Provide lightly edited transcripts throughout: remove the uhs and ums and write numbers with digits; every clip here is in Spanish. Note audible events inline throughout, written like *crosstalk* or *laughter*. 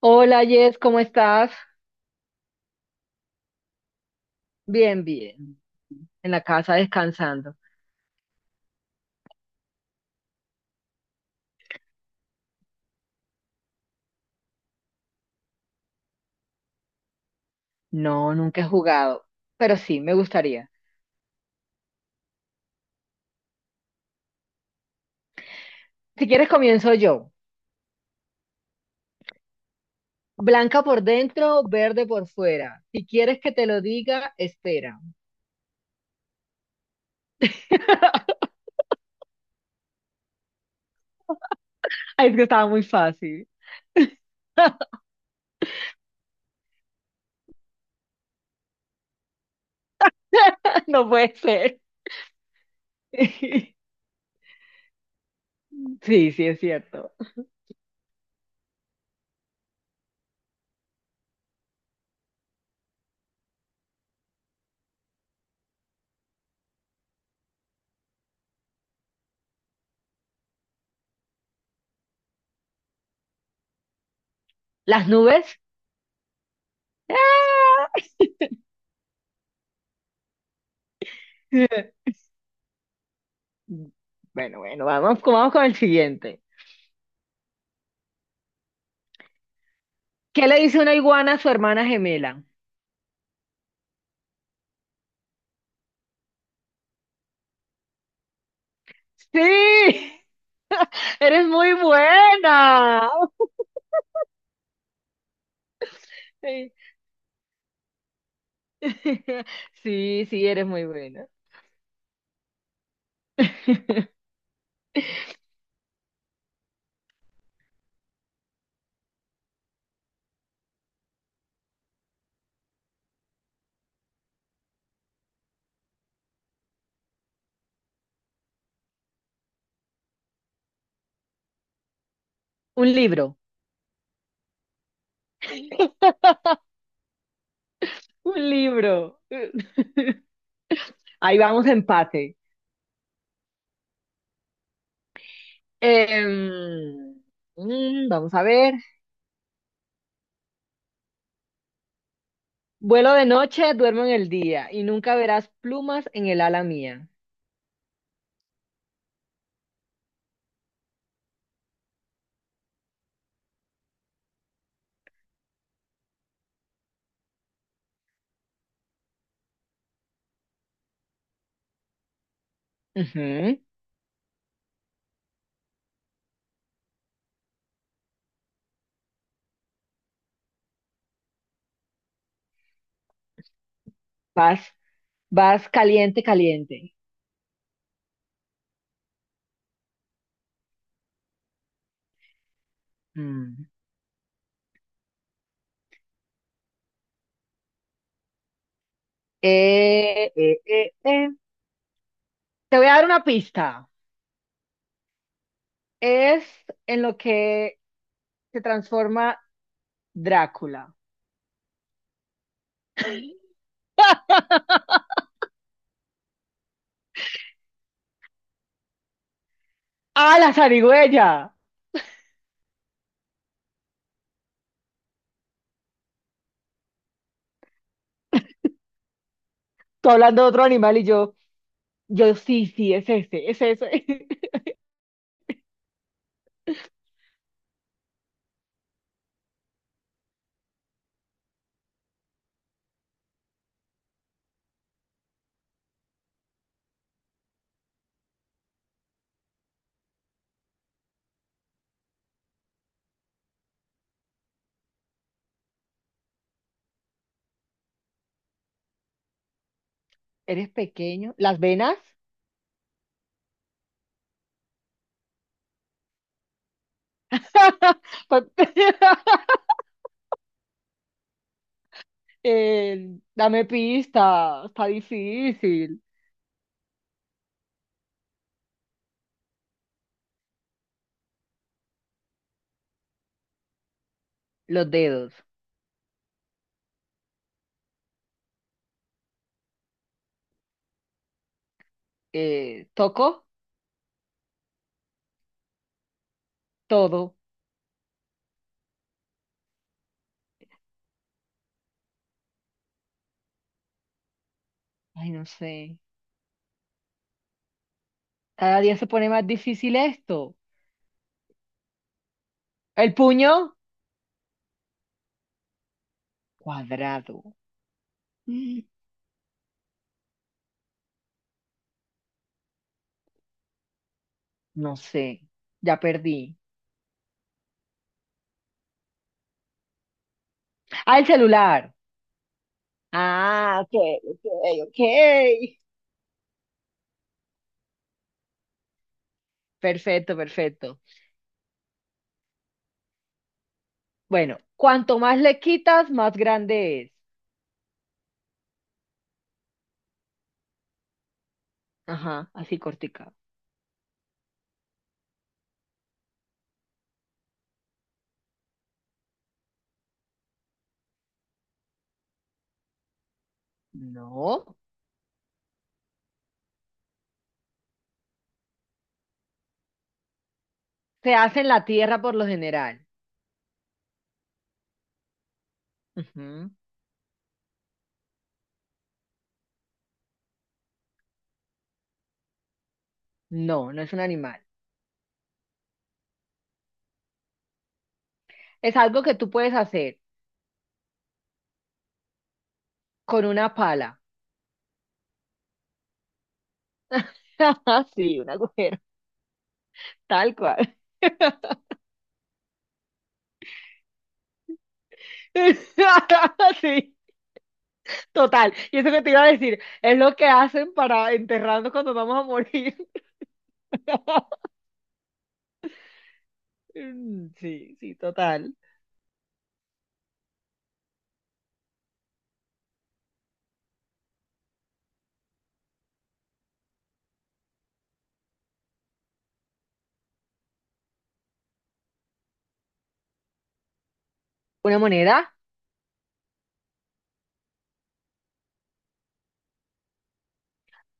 Hola Jess, ¿cómo estás? Bien, bien. En la casa descansando. No, nunca he jugado, pero sí, me gustaría. Si quieres comienzo yo. Blanca por dentro, verde por fuera. Si quieres que te lo diga, espera. *laughs* Ay, es que estaba muy fácil. *laughs* No puede ser. *laughs* Sí, sí, es cierto. ¿Las nubes? ¡Ah! *laughs* Bueno, bueno, vamos con el siguiente. ¿Qué le dice una iguana a su hermana gemela? Sí, *laughs* eres muy buena. Sí, *laughs* sí, sí, eres muy buena. *laughs* Un libro, un libro. *laughs* Ahí vamos, empate. Em, vamos a ver. Vuelo de noche, duermo en el día y nunca verás plumas en el ala mía. Ujú. Vas, vas caliente, caliente. Mm. Eh, eh, eh, eh. Te voy a dar una pista. Es en lo que se transforma Drácula. *laughs* ¡Ah! ¡Ah, la zarigüeya! Tú hablando de otro animal y yo sí, sí, es ese, es ese. *laughs* Eres pequeño. ¿Las venas? *laughs* Pa- *laughs* dame pista, está difícil. Los dedos. ¿Toco? Todo. Ay, no sé. Cada día se pone más difícil esto. ¿El puño? Cuadrado. *gasps* Mm, No sé. Ya perdí. Al celular. Ah, ok, ok, ok. Perfecto, perfecto. Bueno, cuanto más le quitas, más grande es. Ajá, así cortica. No. Se hace en la tierra por lo general. Ujú. No, no es un animal. Es algo que tú puedes hacer con una pala. *laughs* Sí, un agujero, tal cual. *laughs* Sí, total. Y eso que te iba a decir, es lo que hacen para enterrarnos cuando vamos a morir. *laughs* Mm, sí, sí, total. Una moneda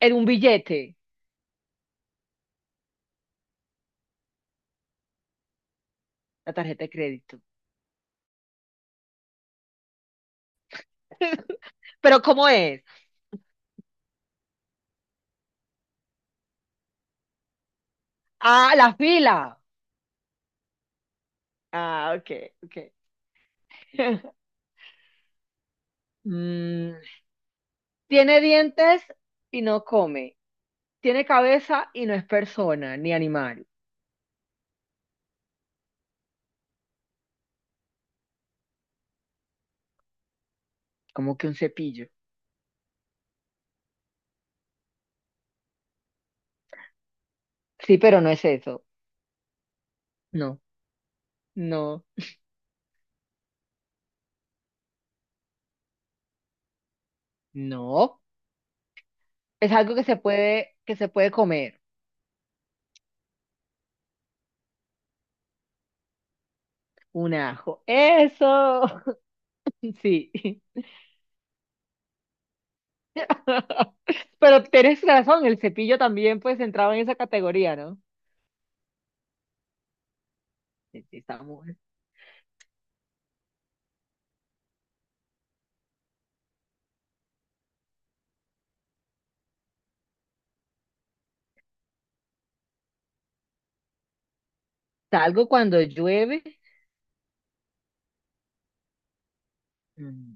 en un billete, la tarjeta de crédito. Pero ¿cómo es? Ah, la fila. Ah, ok, ok. *laughs* Mm, tiene dientes y no come. Tiene cabeza y no es persona ni animal. Como que un cepillo. Sí, pero no es eso. No, no, no. Es algo que se puede comer. Un ajo. Eso. *laughs* Sí. *laughs* Pero tienes razón, el cepillo también pues entraba en esa categoría, ¿no? Sí, sí, está muy- Salgo cuando llueve, mm,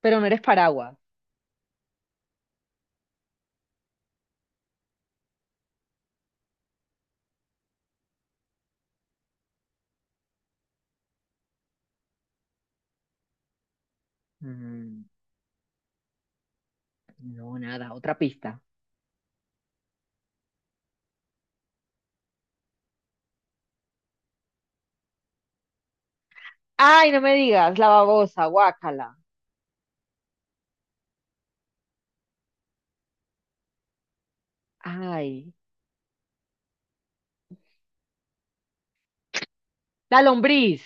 pero no eres paraguas. Mm, No, nada, otra pista. Ay, no me digas, la babosa, guácala. Ay, la lombriz,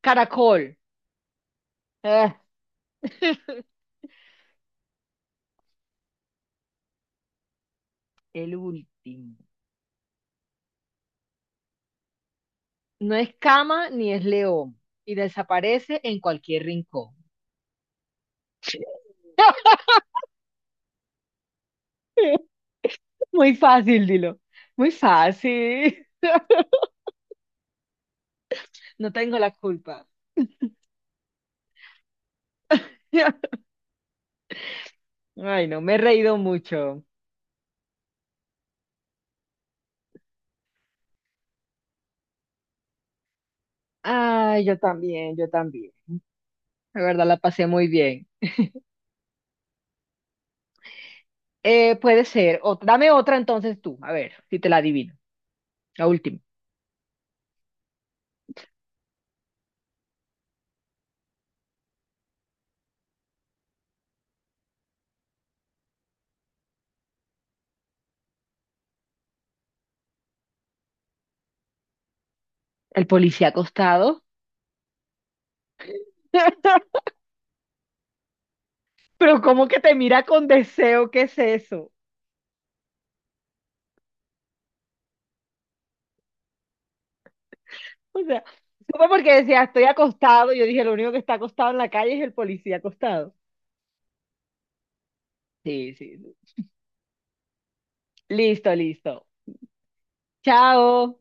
caracol. Ah, *laughs* el último. No es cama ni es león y desaparece en cualquier rincón. *laughs* Muy fácil, dilo. Muy fácil. *laughs* No tengo la culpa. *laughs* Ay, no, me he reído mucho. Ay, yo también, yo también. La verdad la pasé muy bien. Puede ser. Dame otra entonces tú, a ver si te la adivino. La última. El policía acostado. *laughs* Pero ¿cómo que te mira con deseo? ¿Qué es eso? O sea, supe porque decía, estoy acostado. Yo dije, lo único que está acostado en la calle es el policía acostado. Sí, sí, sí. Listo, listo. Chao.